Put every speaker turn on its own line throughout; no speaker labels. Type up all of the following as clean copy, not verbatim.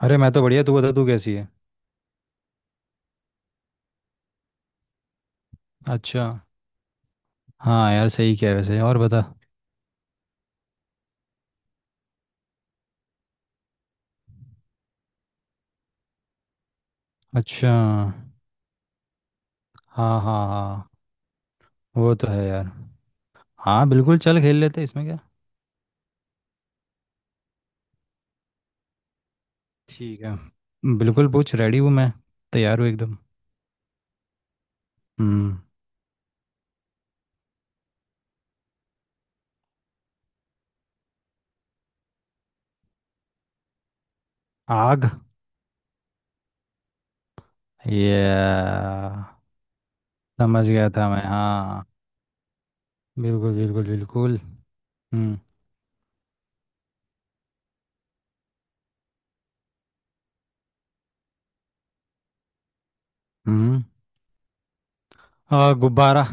अरे मैं तो बढ़िया। तू बता तू कैसी है। अच्छा। हाँ यार, सही क्या है वैसे। और बता। अच्छा। हाँ, हाँ, हाँ। वो तो है यार। हाँ बिल्कुल, चल खेल लेते हैं, इसमें क्या। ठीक है। बिल्कुल पूछ, रेडी हूँ मैं। तैयार हूँ एकदम। हम्म। आग। ये। समझ गया था मैं, हाँ। बिल्कुल, बिल्कुल, बिल्कुल। हम्म। हम्म। गुब्बारा।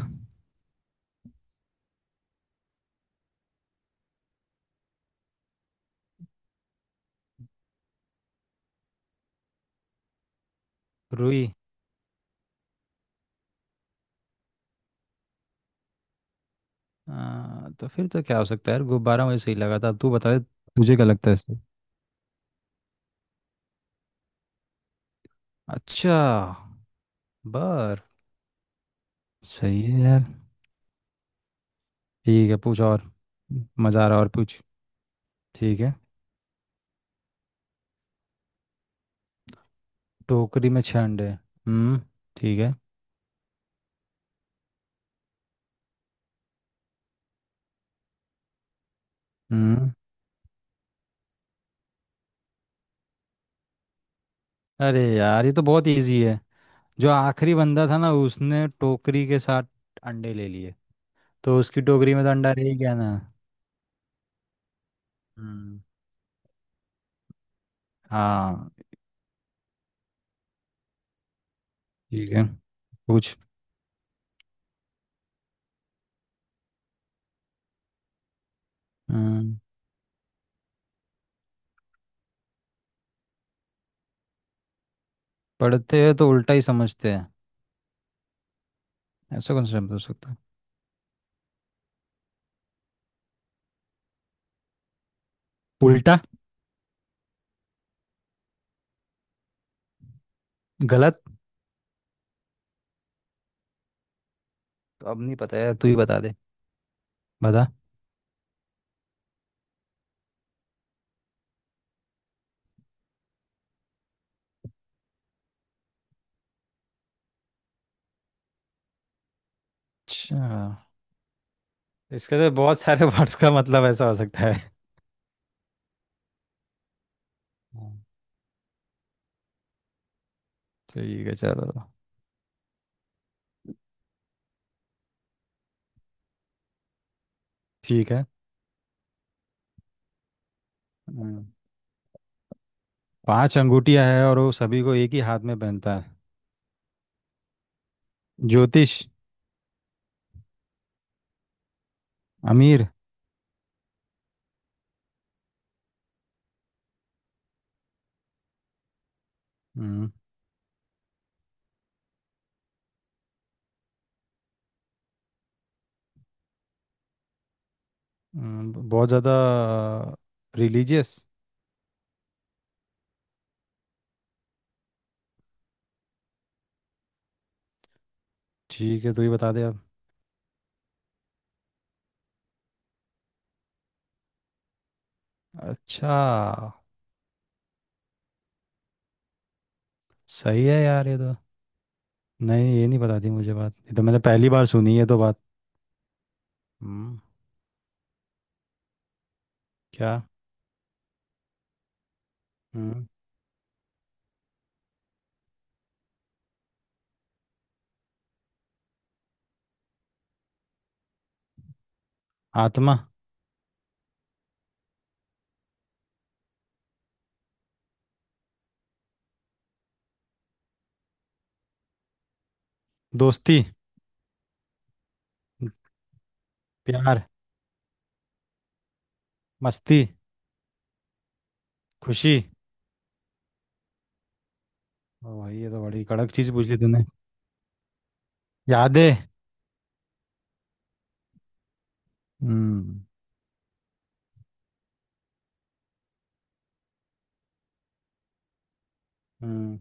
रुई। तो फिर तो क्या हो सकता है यार? गुब्बारा मुझे सही लगा था, अब तू बता दे। तुझे क्या लगता है इससे? अच्छा। बर सही है यार। ठीक है, पूछ और। मज़ा आ रहा है, और पूछ। ठीक है। टोकरी में छह अंडे। हम्म। ठीक है। हम्म। अरे यार, ये तो बहुत इजी है। जो आखिरी बंदा था ना, उसने टोकरी के साथ अंडे ले लिए। तो उसकी टोकरी में तो अंडा रह ही गया ना। हम्म। हाँ। ठीक है। पूछ। हम्म। पढ़ते हैं तो उल्टा ही समझते हैं? ऐसा कौन सा शब्द हो सकता है? उल्टा। गलत। तो अब नहीं पता यार, तू ही बता दे। बता। अच्छा। इसके तो बहुत सारे वर्ड्स का मतलब ऐसा हो सकता है। हाँ। ठीक है चलो। ठीक है। हम्म, पांच अंगूठियां है और वो सभी को एक ही हाथ में पहनता है। ज्योतिष। अमीर। हम्म। बहुत ज़्यादा। रिलीजियस। ठीक है, तू ही बता दे अब। अच्छा। सही है यार, ये तो। नहीं, ये नहीं पता थी मुझे बात, ये तो मैंने पहली बार सुनी है तो बात। हम्म, क्या? हम्म, आत्मा। दोस्ती। प्यार। मस्ती। खुशी। ओ भाई, ये तो बड़ी कड़क चीज पूछ ली तूने। यादें। हम्म। हम्म।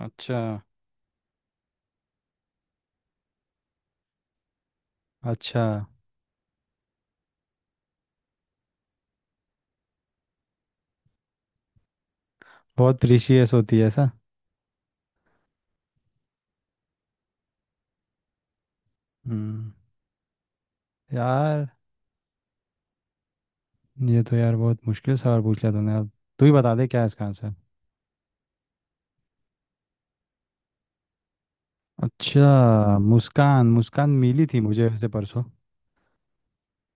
अच्छा। अच्छा। बहुत प्रीशियस होती है ऐसा? हम्म। यार। ये तो यार बहुत मुश्किल सवाल पूछ लिया तूने अब। तू ही बता दे क्या है इसका आंसर। अच्छा, मुस्कान। मुस्कान मिली थी मुझे वैसे परसों।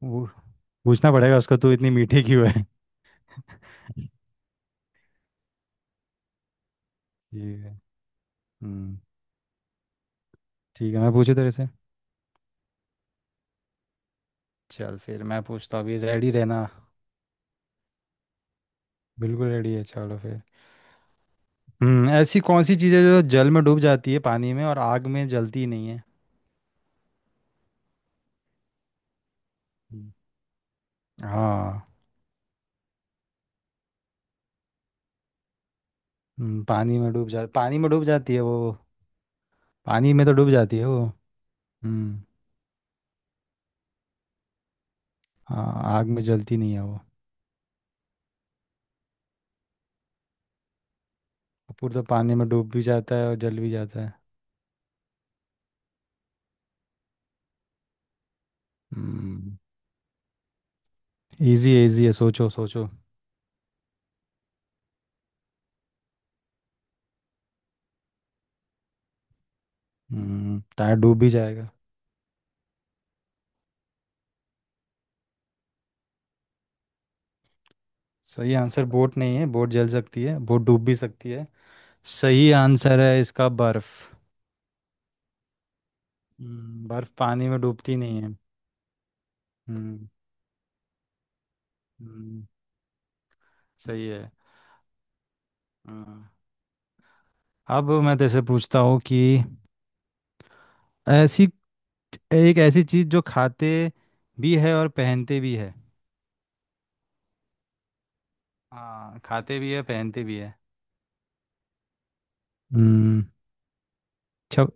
वो। पूछना पड़ेगा उसको, तू इतनी मीठी क्यों है? ठीक है। हम्म। ठीक है, मैं पूछू तेरे से। चल फिर मैं पूछता हूँ, अभी रेडी रहना। बिल्कुल रेडी है, चलो फिर। ऐसी कौन सी चीज़ है जो जल में डूब जाती है, पानी में, और आग में जलती नहीं है? हम्म। हाँ। पानी में डूब जाती है वो। पानी में तो डूब जाती है वो। हम्म। हाँ, आग में जलती नहीं है वो। कपूर तो पानी में डूब भी जाता है और जल भी जाता है। हम्म। इजी है, इजी है, सोचो सोचो। टायर डूब भी जाएगा। सही आंसर बोट नहीं है, बोट जल सकती है, बोट डूब भी सकती है। सही आंसर है इसका बर्फ। बर्फ पानी में डूबती नहीं है। हम्म। हम्म। सही है। हाँ। अब मैं तेरे से पूछता हूँ कि ऐसी एक ऐसी चीज जो खाते भी है और पहनते भी है। हाँ, खाते भी है, पहनते भी है। हम्म। छप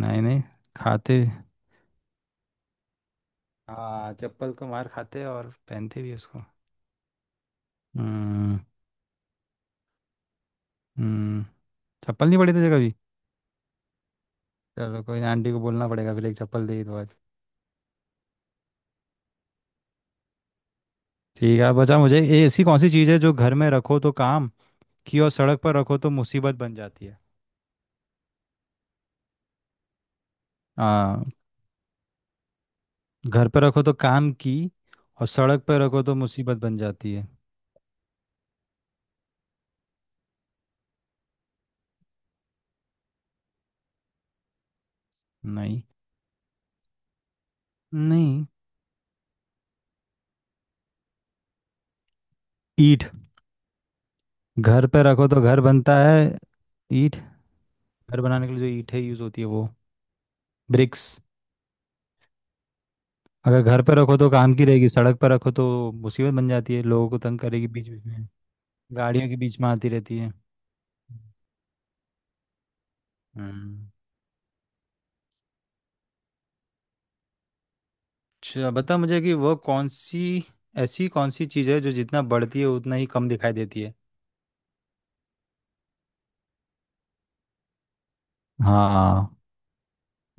नहीं, नहीं। खाते। हाँ, चप्पल को मार खाते हैं और पहनते भी है उसको। हम्म। हम्म। चप्पल नहीं पड़ी तुझे कभी? चलो कोई ना, आंटी को बोलना पड़ेगा फिर, एक चप्पल दे दो आज। ठीक है। बचा मुझे ऐसी कौन सी चीज़ है जो घर में रखो तो काम की, और सड़क पर रखो तो मुसीबत बन जाती है? हाँ, घर पर रखो तो काम की, और सड़क पर रखो तो मुसीबत बन जाती है। नहीं। नहीं। ईंट घर पे रखो तो घर बनता है। ईंट। घर बनाने के लिए जो ईंट है, यूज होती है वो। ब्रिक्स। अगर घर पे रखो तो काम की रहेगी, सड़क पर रखो तो मुसीबत बन जाती है, लोगों को तंग करेगी बीच बीच में। गाड़ियों के बीच में आती रहती है। हम्म। अच्छा बता मुझे कि वो कौन सी ऐसी कौन सी चीज़ है जो जितना बढ़ती है उतना ही कम दिखाई देती है? हाँ।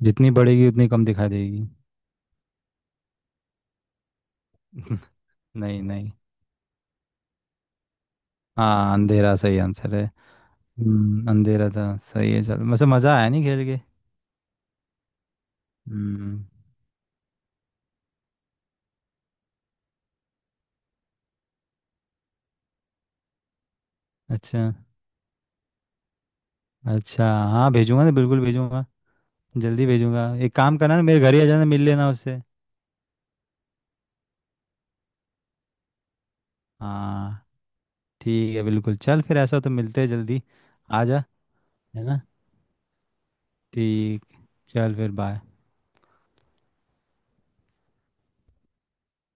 जितनी बढ़ेगी उतनी कम दिखाई देगी। नहीं, नहीं। हाँ, अंधेरा सही आंसर है। अंधेरा था। सही है। चल वैसे मज़ा आया नहीं खेल के? हम्म। अच्छा। अच्छा, हाँ भेजूंगा ना, बिल्कुल भेजूंगा। जल्दी भेजूंगा, एक काम करना ना, मेरे घर ही आ जाना, मिल लेना उससे। हाँ। ठीक है बिल्कुल, चल फिर ऐसा हो तो मिलते हैं जल्दी। आ जा। है ना? ठीक। चल फिर बाय।